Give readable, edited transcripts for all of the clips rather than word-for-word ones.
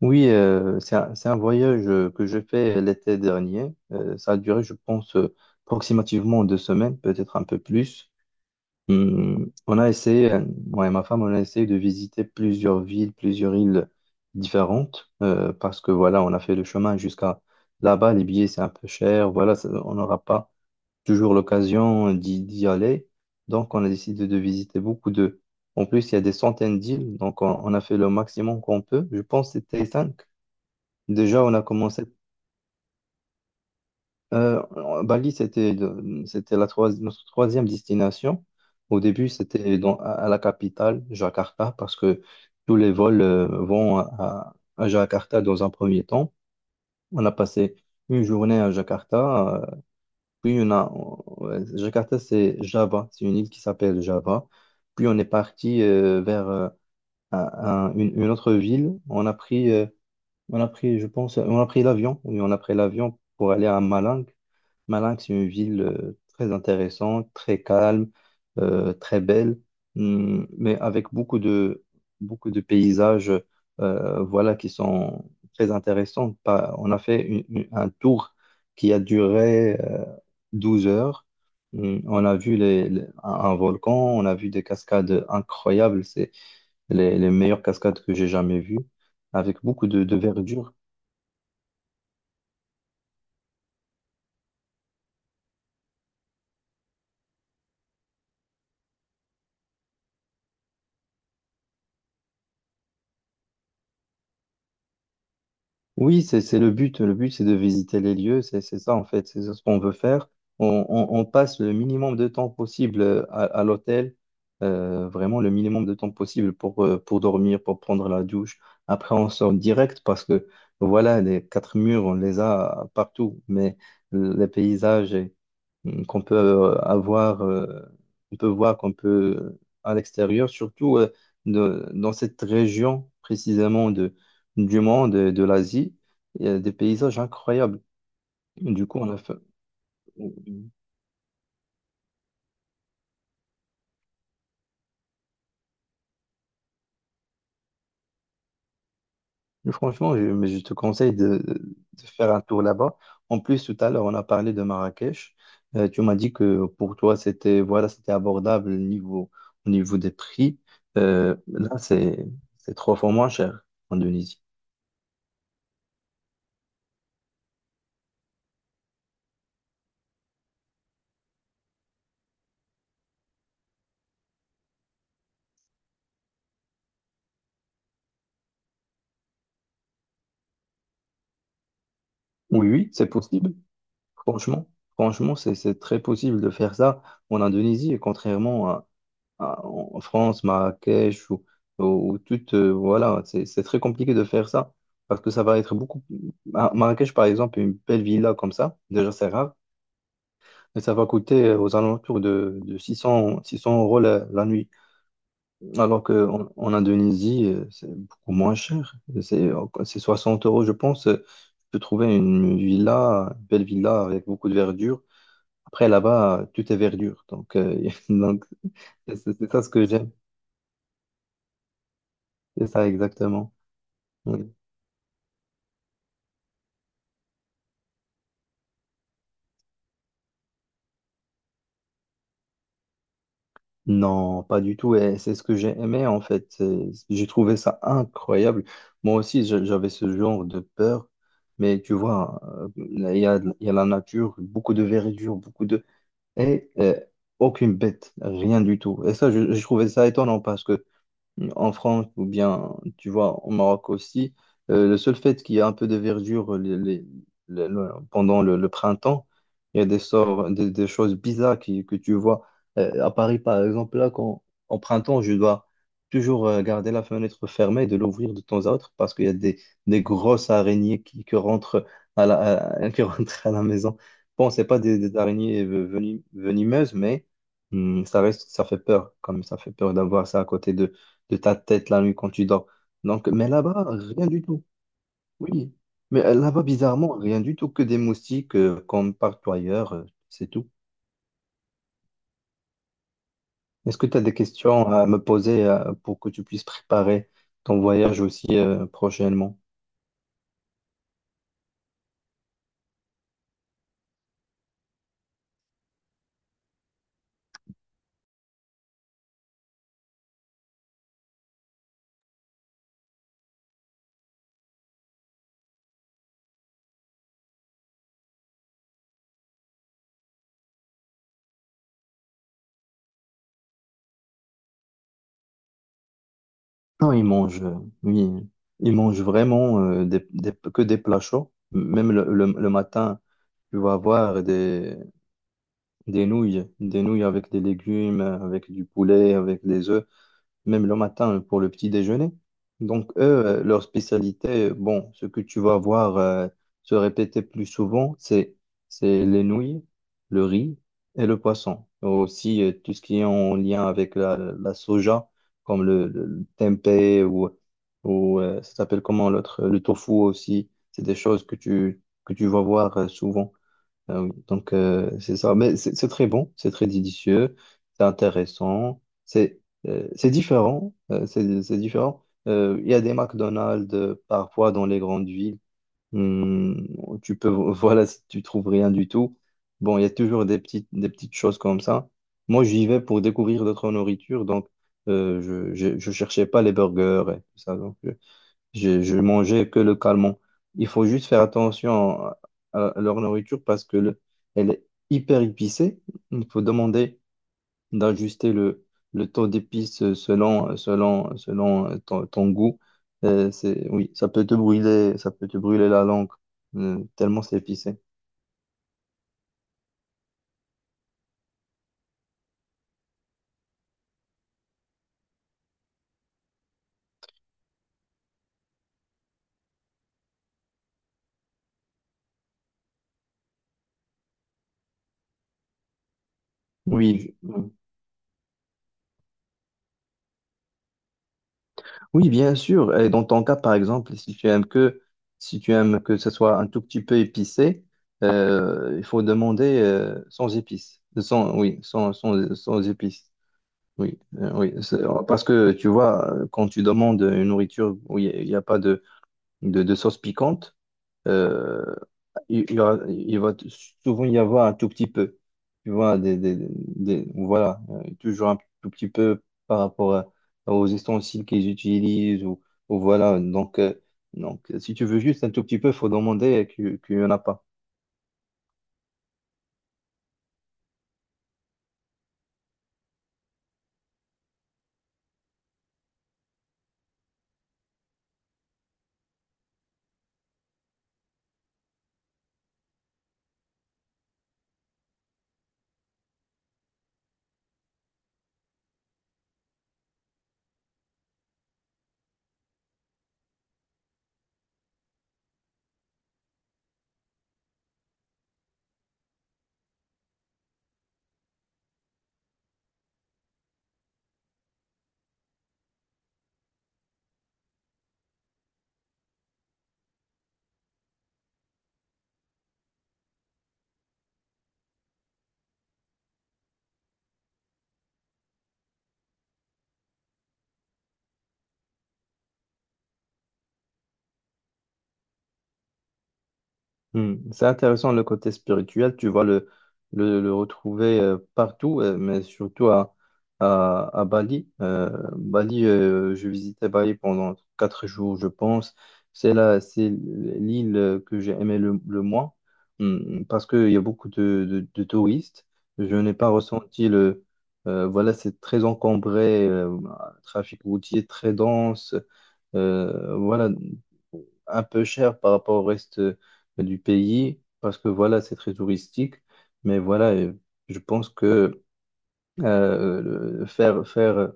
Oui, c'est un voyage que je fais l'été dernier. Ça a duré, je pense, approximativement 2 semaines, peut-être un peu plus. On a essayé, moi et ma femme, on a essayé de visiter plusieurs villes, plusieurs îles différentes, parce que voilà, on a fait le chemin jusqu'à là-bas. Les billets, c'est un peu cher. Voilà, on n'aura pas toujours l'occasion d'y aller. Donc, on a décidé de visiter beaucoup de... En plus, il y a des centaines d'îles, donc on a fait le maximum qu'on peut. Je pense que c'était cinq. Déjà, on a commencé. euh, Bali, c'était c'était notre troisième destination. Au début, c'était à la capitale, Jakarta, parce que tous les vols vont à Jakarta dans un premier temps. On a passé une journée à Jakarta, puis on a Jakarta, c'est Java, c'est une île qui s'appelle Java. Puis on est parti vers un- une autre ville. Je pense, on a pris l'avion. Oui, on a pris l'avion pour aller à Malang. Malang, c'est une ville très intéressante, très calme, très belle, mais avec beaucoup de paysages voilà, qui sont très intéressants. On a fait un tour qui a duré 12 heures. On a vu un volcan, on a vu des cascades incroyables. C'est les meilleures cascades que j'ai jamais vues, avec beaucoup de verdure. Oui, c'est le but. Le but, c'est de visiter les lieux. C'est ça, en fait. C'est ce qu'on veut faire. On passe le minimum de temps possible à l'hôtel. Vraiment le minimum de temps possible pour dormir, pour prendre la douche. Après, on sort direct parce que, voilà, les quatre murs, on les a partout. Mais les paysages, qu'on peut avoir, on peut voir qu'on peut à l'extérieur, surtout dans cette région précisément du monde, de l'Asie, il y a des paysages incroyables. Du coup, on a fait- euh, Franchement, mais je te conseille de faire un tour là-bas. En plus, tout à l'heure, on a parlé de Marrakech. Tu m'as dit que pour toi, c'était voilà, c'était abordable au niveau des prix. Là, c'est 3 fois moins cher en Indonésie. Oui, oui, c'est possible. Franchement, franchement, c'est très possible de faire ça en Indonésie, et contrairement en France, Marrakech ou toute, voilà, c'est très compliqué de faire ça parce que ça va être beaucoup. Marrakech, par exemple, une belle villa comme ça, déjà c'est rare, mais ça va coûter aux alentours de 600 euros la nuit. Alors qu'en Indonésie, c'est beaucoup moins cher. C'est c'est 60 euros, je pense. Tu peux trouver une villa, une belle villa avec beaucoup de verdure. Après, là-bas, tout est verdure. Donc c'est ça ce que j'aime. C'est ça exactement. Oui. Non, pas du tout. Et c'est ce que j'ai aimé, en fait. J'ai trouvé ça incroyable. Moi aussi, j'avais ce genre de peur. Mais tu vois, il y a la nature, beaucoup de verdure, beaucoup de... Et aucune bête, rien du tout. Et ça, je trouvais ça étonnant parce que en France ou bien, tu vois, au Maroc aussi, le seul fait qu'il y a un peu de verdure pendant le printemps, il y a des choses bizarres que tu vois. À Paris, par exemple, là, en printemps, je dois toujours garder la fenêtre fermée et de l'ouvrir de temps à autre parce qu'il y a des grosses araignées qui rentrent qui rentrent à la maison. Bon, c'est pas des araignées venimeuses, mais ça reste, ça fait peur, comme ça fait peur d'avoir ça à côté de ta tête la nuit quand tu dors. Donc, mais là-bas, rien du tout. Oui. Mais là-bas, bizarrement, rien du tout que des moustiques comme partout ailleurs, c'est tout. Est-ce que tu as des questions à me poser pour que tu puisses préparer ton voyage aussi prochainement? Non, ils mangent, oui, ils mangent vraiment que des plats chauds. Même le matin, tu vas avoir des nouilles avec des légumes, avec du poulet, avec des œufs. Même le matin, pour le petit déjeuner. Donc, eux, leur spécialité, bon, ce que tu vas voir se répéter plus souvent, c'est les nouilles, le riz et le poisson. Aussi, tout ce qui est en lien avec la soja, comme le tempeh ou ça s'appelle comment l'autre, le tofu aussi, c'est des choses que tu vas voir souvent. Donc, c'est ça. Mais c'est très bon, c'est très délicieux, c'est intéressant, c'est différent. C'est différent. Il y a des McDonald's parfois dans les grandes villes. Où tu peux, voilà, si tu trouves rien du tout. Bon, il y a toujours des petites choses comme ça. Moi, j'y vais pour découvrir d'autres nourritures, donc euh, je cherchais pas les burgers et tout ça. Donc, je mangeais que le calmant. Il faut juste faire attention à leur nourriture parce que elle est hyper épicée. Il faut demander d'ajuster le taux d'épices selon ton goût. Oui, ça peut te brûler, ça peut te brûler la langue, tellement c'est épicé. Oui, oui, bien sûr. Et dans ton cas, par exemple, si tu aimes que ce soit un tout petit peu épicé, il faut demander sans épices. Sans, Oui, sans épices. Oui, oui. Parce que tu vois, quand tu demandes une nourriture où il y a pas de sauce piquante, euh, il y aura- il va t- souvent y avoir un tout petit peu. Tu vois, voilà, toujours un tout petit peu par rapport aux ustensiles qu'ils utilisent ou voilà. Donc, si tu veux juste un tout petit peu, il faut demander qu'il n'y en a pas. C'est intéressant le côté spirituel, tu vois le retrouver partout, mais surtout à Bali. Bali, je visitais Bali pendant 4 jours, je pense. C'est là, c'est l'île que j'ai aimé le moins, parce qu'il y a beaucoup de touristes. Je n'ai pas ressenti le... Voilà, c'est très encombré, trafic routier très dense. Voilà, un peu cher par rapport au reste bah, du pays, parce que voilà, c'est très touristique. Mais voilà, je pense que euh, le- faire, faire,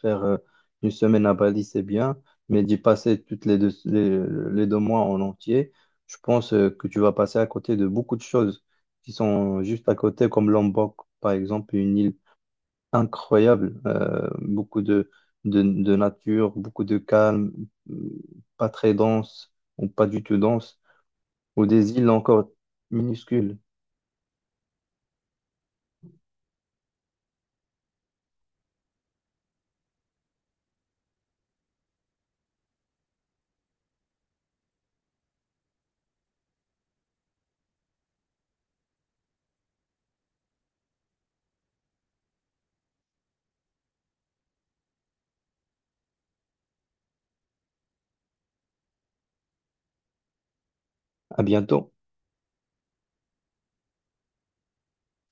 faire une semaine à Bali, c'est bien, mais d'y passer les 2 mois en entier, je pense que tu vas passer à côté de beaucoup de choses qui sont juste à côté, comme Lombok, par exemple, une île incroyable. Beaucoup de nature, beaucoup de calme, euh, pas très dense ou pas du tout dense, ou des îles encore minuscules. À bientôt.